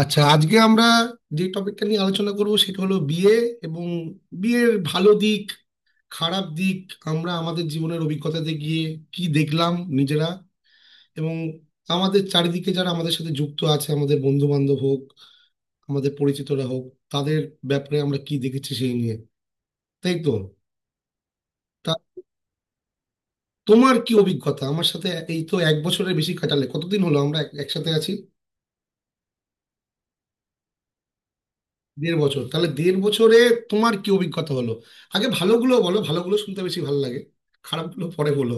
আচ্ছা, আজকে আমরা যে টপিকটা নিয়ে আলোচনা করব সেটা হলো বিয়ে, এবং বিয়ের ভালো দিক, খারাপ দিক। আমরা আমাদের জীবনের অভিজ্ঞতাতে গিয়ে কি দেখলাম নিজেরা, এবং আমাদের চারিদিকে যারা আমাদের সাথে যুক্ত আছে, আমাদের বন্ধু বান্ধব হোক, আমাদের পরিচিতরা হোক, তাদের ব্যাপারে আমরা কি দেখেছি সেই নিয়ে। তাই তো? তা তোমার কি অভিজ্ঞতা আমার সাথে, এই তো এক বছরের বেশি কাটালে, কতদিন হলো আমরা একসাথে আছি? দেড় বছর? তাহলে দেড় বছরে তোমার কি অভিজ্ঞতা হলো? আগে ভালোগুলো বলো, ভালোগুলো শুনতে বেশি ভালো লাগে, খারাপগুলো পরে বলো।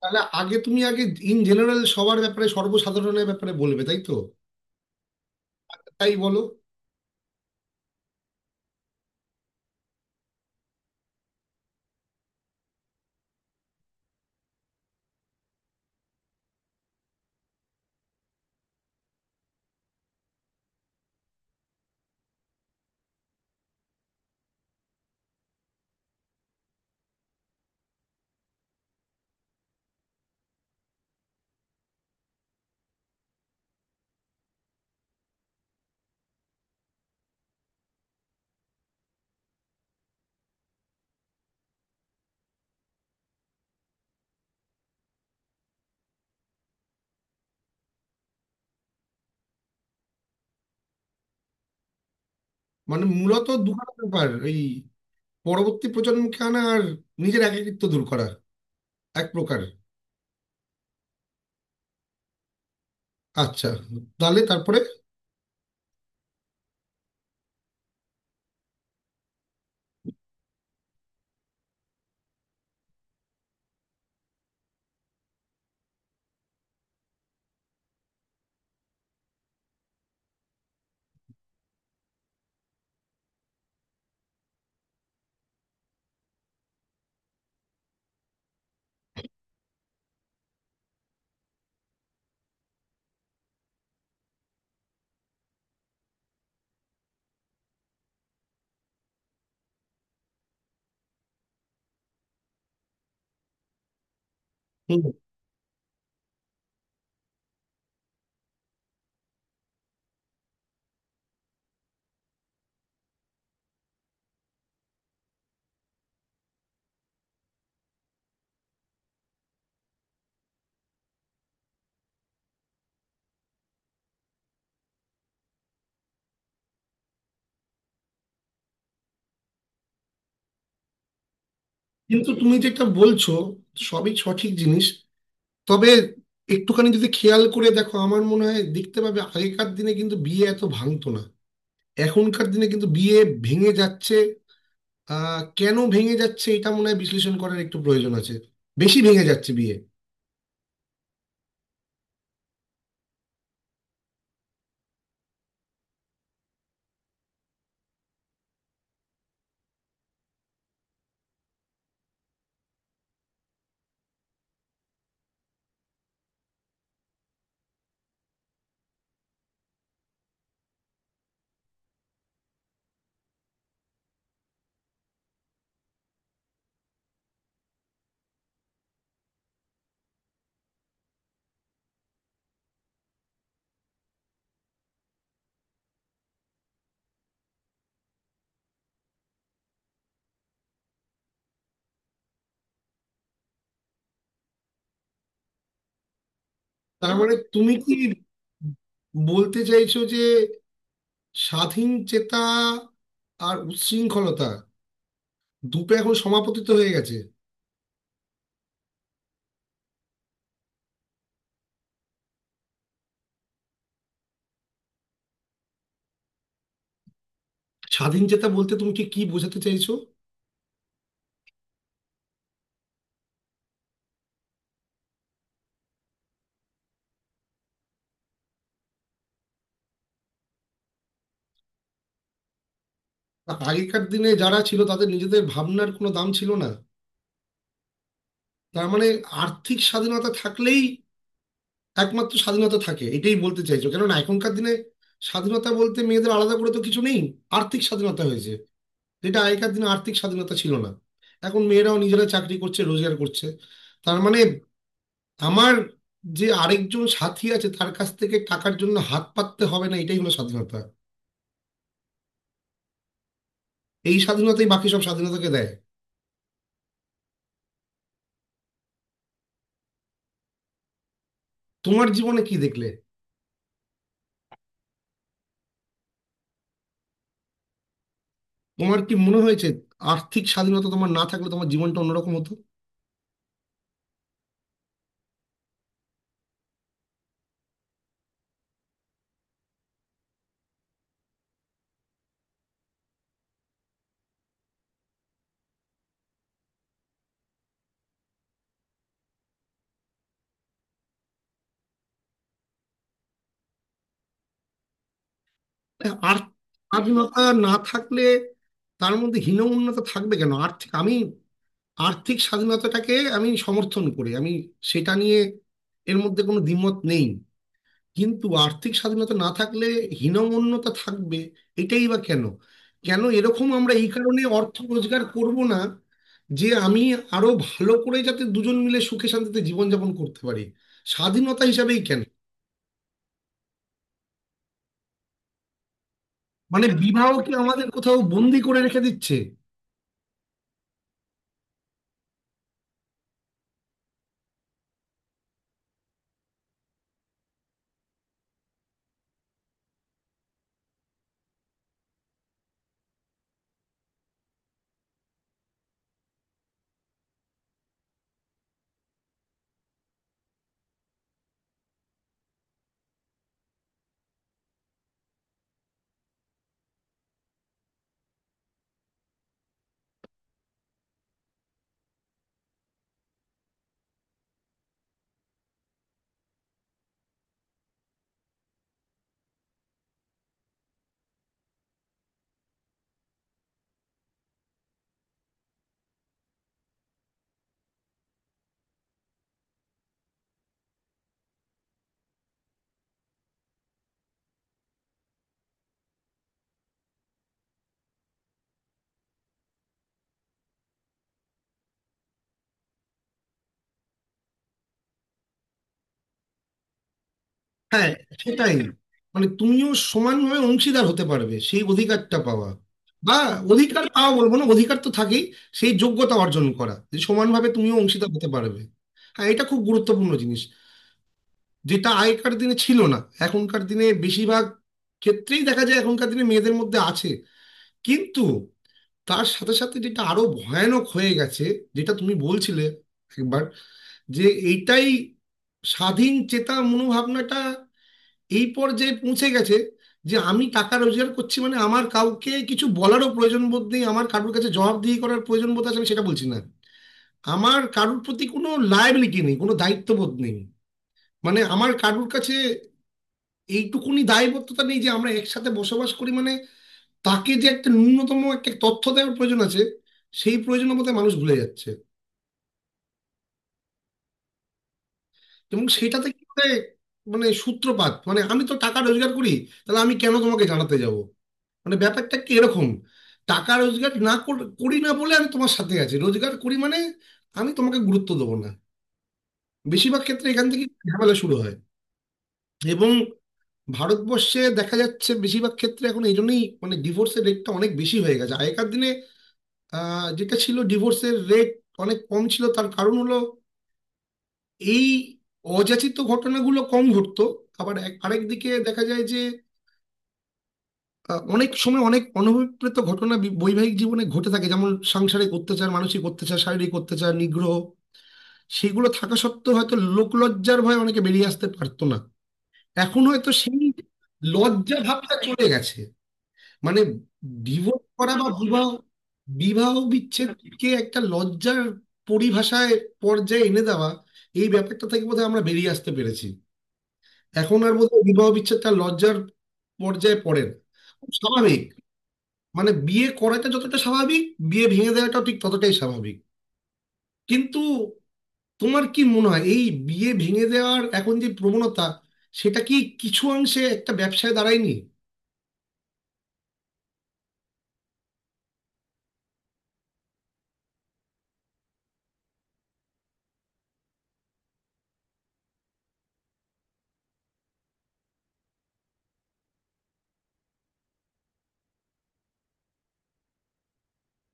তাহলে আগে তুমি, আগে ইন জেনারেল সবার ব্যাপারে, সর্বসাধারণের ব্যাপারে বলবে, তাই তো? তাই বলো। মানে মূলত দুটো ব্যাপার, এই পরবর্তী প্রজন্মকে আনা আর নিজের একাকিত্ব দূর করা এক প্রকার। আচ্ছা, তাহলে তারপরে। হুম। কিন্তু তুমি যেটা বলছো সবই সঠিক জিনিস, তবে একটুখানি যদি খেয়াল করে দেখো, আমার মনে হয় দেখতে পাবে আগেকার দিনে কিন্তু বিয়ে এত ভাঙতো না, এখনকার দিনে কিন্তু বিয়ে ভেঙে যাচ্ছে। আহ, কেন ভেঙে যাচ্ছে এটা মনে হয় বিশ্লেষণ করার একটু প্রয়োজন আছে। বেশি ভেঙে যাচ্ছে বিয়ে। তার মানে তুমি কি বলতে চাইছো যে স্বাধীন চেতা আর উচ্ছৃঙ্খলতা দুটো এখন সমাপতিত হয়ে গেছে? স্বাধীন চেতা বলতে তুমি কি কি বোঝাতে চাইছো? আগেকার দিনে যারা ছিল তাদের নিজেদের ভাবনার কোনো দাম ছিল না? তার মানে আর্থিক স্বাধীনতা থাকলেই একমাত্র স্বাধীনতা থাকে, এটাই বলতে চাইছো? কেননা এখনকার দিনে স্বাধীনতা বলতে মেয়েদের আলাদা করে তো কিছু নেই, আর্থিক স্বাধীনতা হয়েছে, যেটা আগেকার দিনে আর্থিক স্বাধীনতা ছিল না। এখন মেয়েরাও নিজেরা চাকরি করছে, রোজগার করছে। তার মানে আমার যে আরেকজন সাথী আছে তার কাছ থেকে টাকার জন্য হাত পাততে হবে না, এটাই হলো স্বাধীনতা। এই স্বাধীনতাই বাকি সব স্বাধীনতাকে দেয়। তোমার জীবনে কি দেখলে? তোমার কি মনে হয়েছে আর্থিক স্বাধীনতা তোমার না থাকলে তোমার জীবনটা অন্যরকম হতো? আর স্বাধীনতা না থাকলে তার মধ্যে হীনমন্যতা থাকবে কেন? আর্থিক, আমি আর্থিক স্বাধীনতাটাকে আমি সমর্থন করি, আমি সেটা নিয়ে, এর মধ্যে কোনো দ্বিমত নেই, কিন্তু আর্থিক স্বাধীনতা না থাকলে হীনমন্যতা থাকবে এটাই বা কেন? কেন এরকম আমরা এই কারণে অর্থ রোজগার করব না যে আমি আরো ভালো করে যাতে দুজন মিলে সুখে শান্তিতে জীবনযাপন করতে পারি, স্বাধীনতা হিসাবেই কেন? মানে বিবাহ কি আমাদের কোথাও বন্দি করে রেখে দিচ্ছে? হ্যাঁ, সেটাই। মানে তুমিও সমানভাবে অংশীদার হতে পারবে সেই অধিকারটা পাওয়া, বা অধিকার পাওয়া বলবো না, অধিকার তো থাকেই, সেই যোগ্যতা অর্জন করা যে সমানভাবে তুমিও অংশীদার হতে পারবে। হ্যাঁ, এটা খুব গুরুত্বপূর্ণ জিনিস, যেটা আগেকার দিনে ছিল না, এখনকার দিনে বেশিরভাগ ক্ষেত্রেই দেখা যায়, এখনকার দিনে মেয়েদের মধ্যে আছে। কিন্তু তার সাথে সাথে যেটা আরো ভয়ানক হয়ে গেছে, যেটা তুমি বলছিলে একবার, যে এইটাই স্বাধীন চেতা মনোভাবনাটা এই পর্যায়ে পৌঁছে গেছে যে আমি টাকা রোজগার করছি মানে আমার কাউকে কিছু বলারও প্রয়োজন বোধ নেই। আমার কারোর কাছে জবাবদিহি করার প্রয়োজন বোধ আছে আমি সেটা বলছি না, আমার কারোর প্রতি কোনো লায়াবিলিটি নেই, কোনো দায়িত্ববোধ নেই, মানে আমার কারোর কাছে এইটুকুনি দায়বদ্ধতা নেই যে আমরা একসাথে বসবাস করি, মানে তাকে যে একটা ন্যূনতম একটা তথ্য দেওয়ার প্রয়োজন আছে, সেই প্রয়োজন বোধহয় মানুষ ভুলে যাচ্ছে। এবং সেটাতে কি হয়, মানে সূত্রপাত, মানে আমি তো টাকা রোজগার করি, তাহলে আমি কেন তোমাকে জানাতে যাব, মানে ব্যাপারটা কি এরকম, টাকা রোজগার না করি না বলে আমি তোমার সাথে আছি, রোজগার করি মানে আমি তোমাকে গুরুত্ব দেবো না। বেশিরভাগ ক্ষেত্রে এখান থেকে ঝামেলা শুরু হয়। এবং ভারতবর্ষে দেখা যাচ্ছে বেশিরভাগ ক্ষেত্রে এখন এই জন্যই মানে ডিভোর্সের রেটটা অনেক বেশি হয়ে গেছে। আগেকার দিনে যেটা ছিল ডিভোর্সের রেট অনেক কম ছিল, তার কারণ হলো এই অযাচিত ঘটনাগুলো কম ঘটতো। আবার আরেকদিকে দেখা যায় যে অনেক সময় অনেক অনভিপ্রেত ঘটনা বৈবাহিক জীবনে ঘটে থাকে, যেমন সাংসারিক অত্যাচার, মানসিক অত্যাচার, শারীরিক অত্যাচার, নিগ্রহ। সেগুলো থাকা সত্ত্বেও হয়তো লোকলজ্জার ভয়ে অনেকে বেরিয়ে আসতে পারতো না। এখন হয়তো সেই লজ্জা ভাবটা চলে গেছে। মানে ডিভোর্স করা বা বিবাহ, বিবাহ বিচ্ছেদকে একটা লজ্জার পরিভাষায়, পর্যায়ে এনে দেওয়া, এই ব্যাপারটা থেকে বোধহয় আমরা বেরিয়ে আসতে পেরেছি। এখন আর বোধহয় বিবাহ বিচ্ছেদটা লজ্জার পর্যায়ে পড়ে না, স্বাভাবিক। মানে বিয়ে করাটা যতটা স্বাভাবিক, বিয়ে ভেঙে দেওয়াটাও ঠিক ততটাই স্বাভাবিক। কিন্তু তোমার কি মনে হয় এই বিয়ে ভেঙে দেওয়ার এখন যে প্রবণতা, সেটা কি কিছু অংশে একটা ব্যবসায় দাঁড়ায়নি?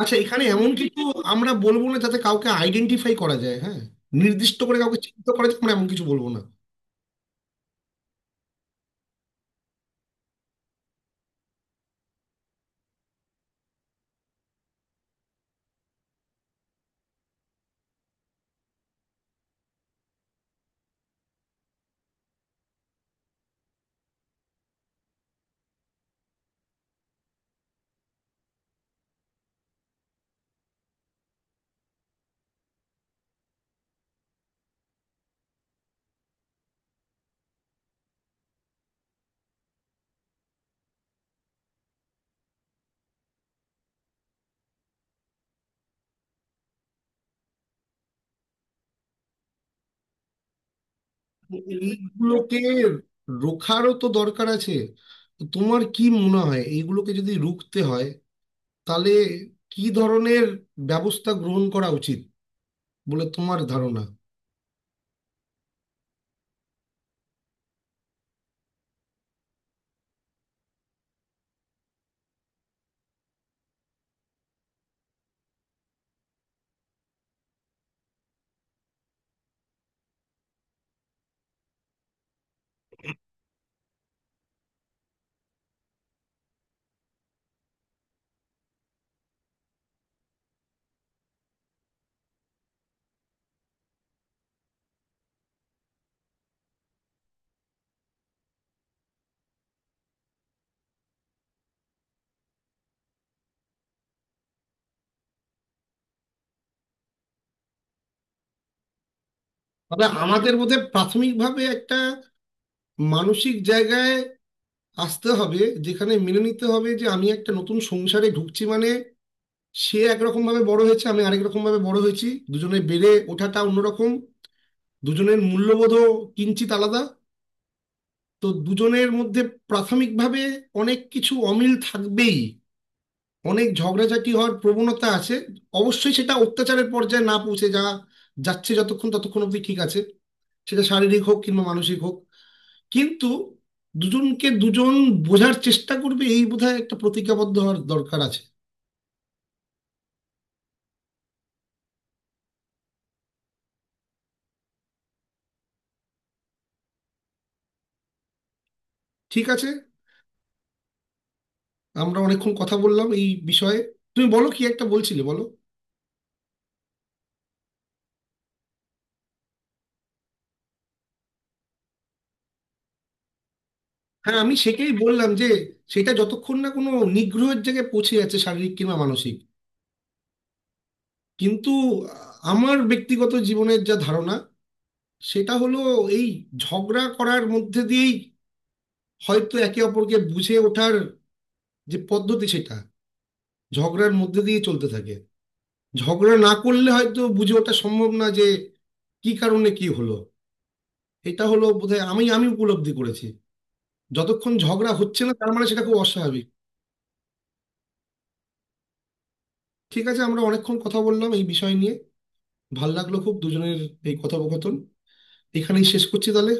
আচ্ছা, এখানে এমন কিছু আমরা বলবো না যাতে কাউকে আইডেন্টিফাই করা যায়, হ্যাঁ, নির্দিষ্ট করে কাউকে চিহ্নিত করা যায় আমরা এমন কিছু বলবো না। এইগুলোকে রোখারও তো দরকার আছে। তো তোমার কি মনে হয় এইগুলোকে যদি রুখতে হয় তাহলে কি ধরনের ব্যবস্থা গ্রহণ করা উচিত বলে তোমার ধারণা? তবে আমাদের বোধহয় প্রাথমিকভাবে একটা মানসিক জায়গায় আসতে হবে যেখানে মেনে নিতে হবে যে আমি একটা নতুন সংসারে ঢুকছি, মানে সে একরকম ভাবে বড় হয়েছে, আমি আরেক রকম ভাবে বড় হয়েছি, দুজনে বেড়ে ওঠাটা অন্যরকম, দুজনের মূল্যবোধও কিঞ্চিত আলাদা, তো দুজনের মধ্যে প্রাথমিকভাবে অনেক কিছু অমিল থাকবেই, অনেক ঝগড়াঝাটি হওয়ার প্রবণতা আছে, অবশ্যই সেটা অত্যাচারের পর্যায়ে না পৌঁছে, যা যাচ্ছে যতক্ষণ ততক্ষণ অব্দি ঠিক আছে, সেটা শারীরিক হোক কিংবা মানসিক হোক। কিন্তু দুজনকে দুজন বোঝার চেষ্টা করবে, এই বোধহয় একটা প্রতিজ্ঞাবদ্ধ হওয়ার দরকার আছে। ঠিক আছে, আমরা অনেকক্ষণ কথা বললাম এই বিষয়ে। তুমি বলো, কি একটা বলছিলে বলো। হ্যাঁ, আমি সেটাই বললাম যে সেটা যতক্ষণ না কোনো নিগ্রহের জায়গায় পৌঁছে যাচ্ছে, শারীরিক কিংবা মানসিক। কিন্তু আ, আমার ব্যক্তিগত জীবনের যা ধারণা, সেটা হলো এই ঝগড়া করার মধ্যে দিয়েই হয়তো একে অপরকে বুঝে ওঠার যে পদ্ধতি, সেটা ঝগড়ার মধ্যে দিয়ে চলতে থাকে। ঝগড়া না করলে হয়তো বুঝে ওঠা সম্ভব না যে কি কারণে কি হলো। এটা হলো বোধহয়, আমি আমি উপলব্ধি করেছি যতক্ষণ ঝগড়া হচ্ছে না তার মানে সেটা খুব অস্বাভাবিক। ঠিক আছে, আমরা অনেকক্ষণ কথা বললাম এই বিষয় নিয়ে। ভাল লাগলো খুব দুজনের এই কথোপকথন। এখানেই শেষ করছি তাহলে।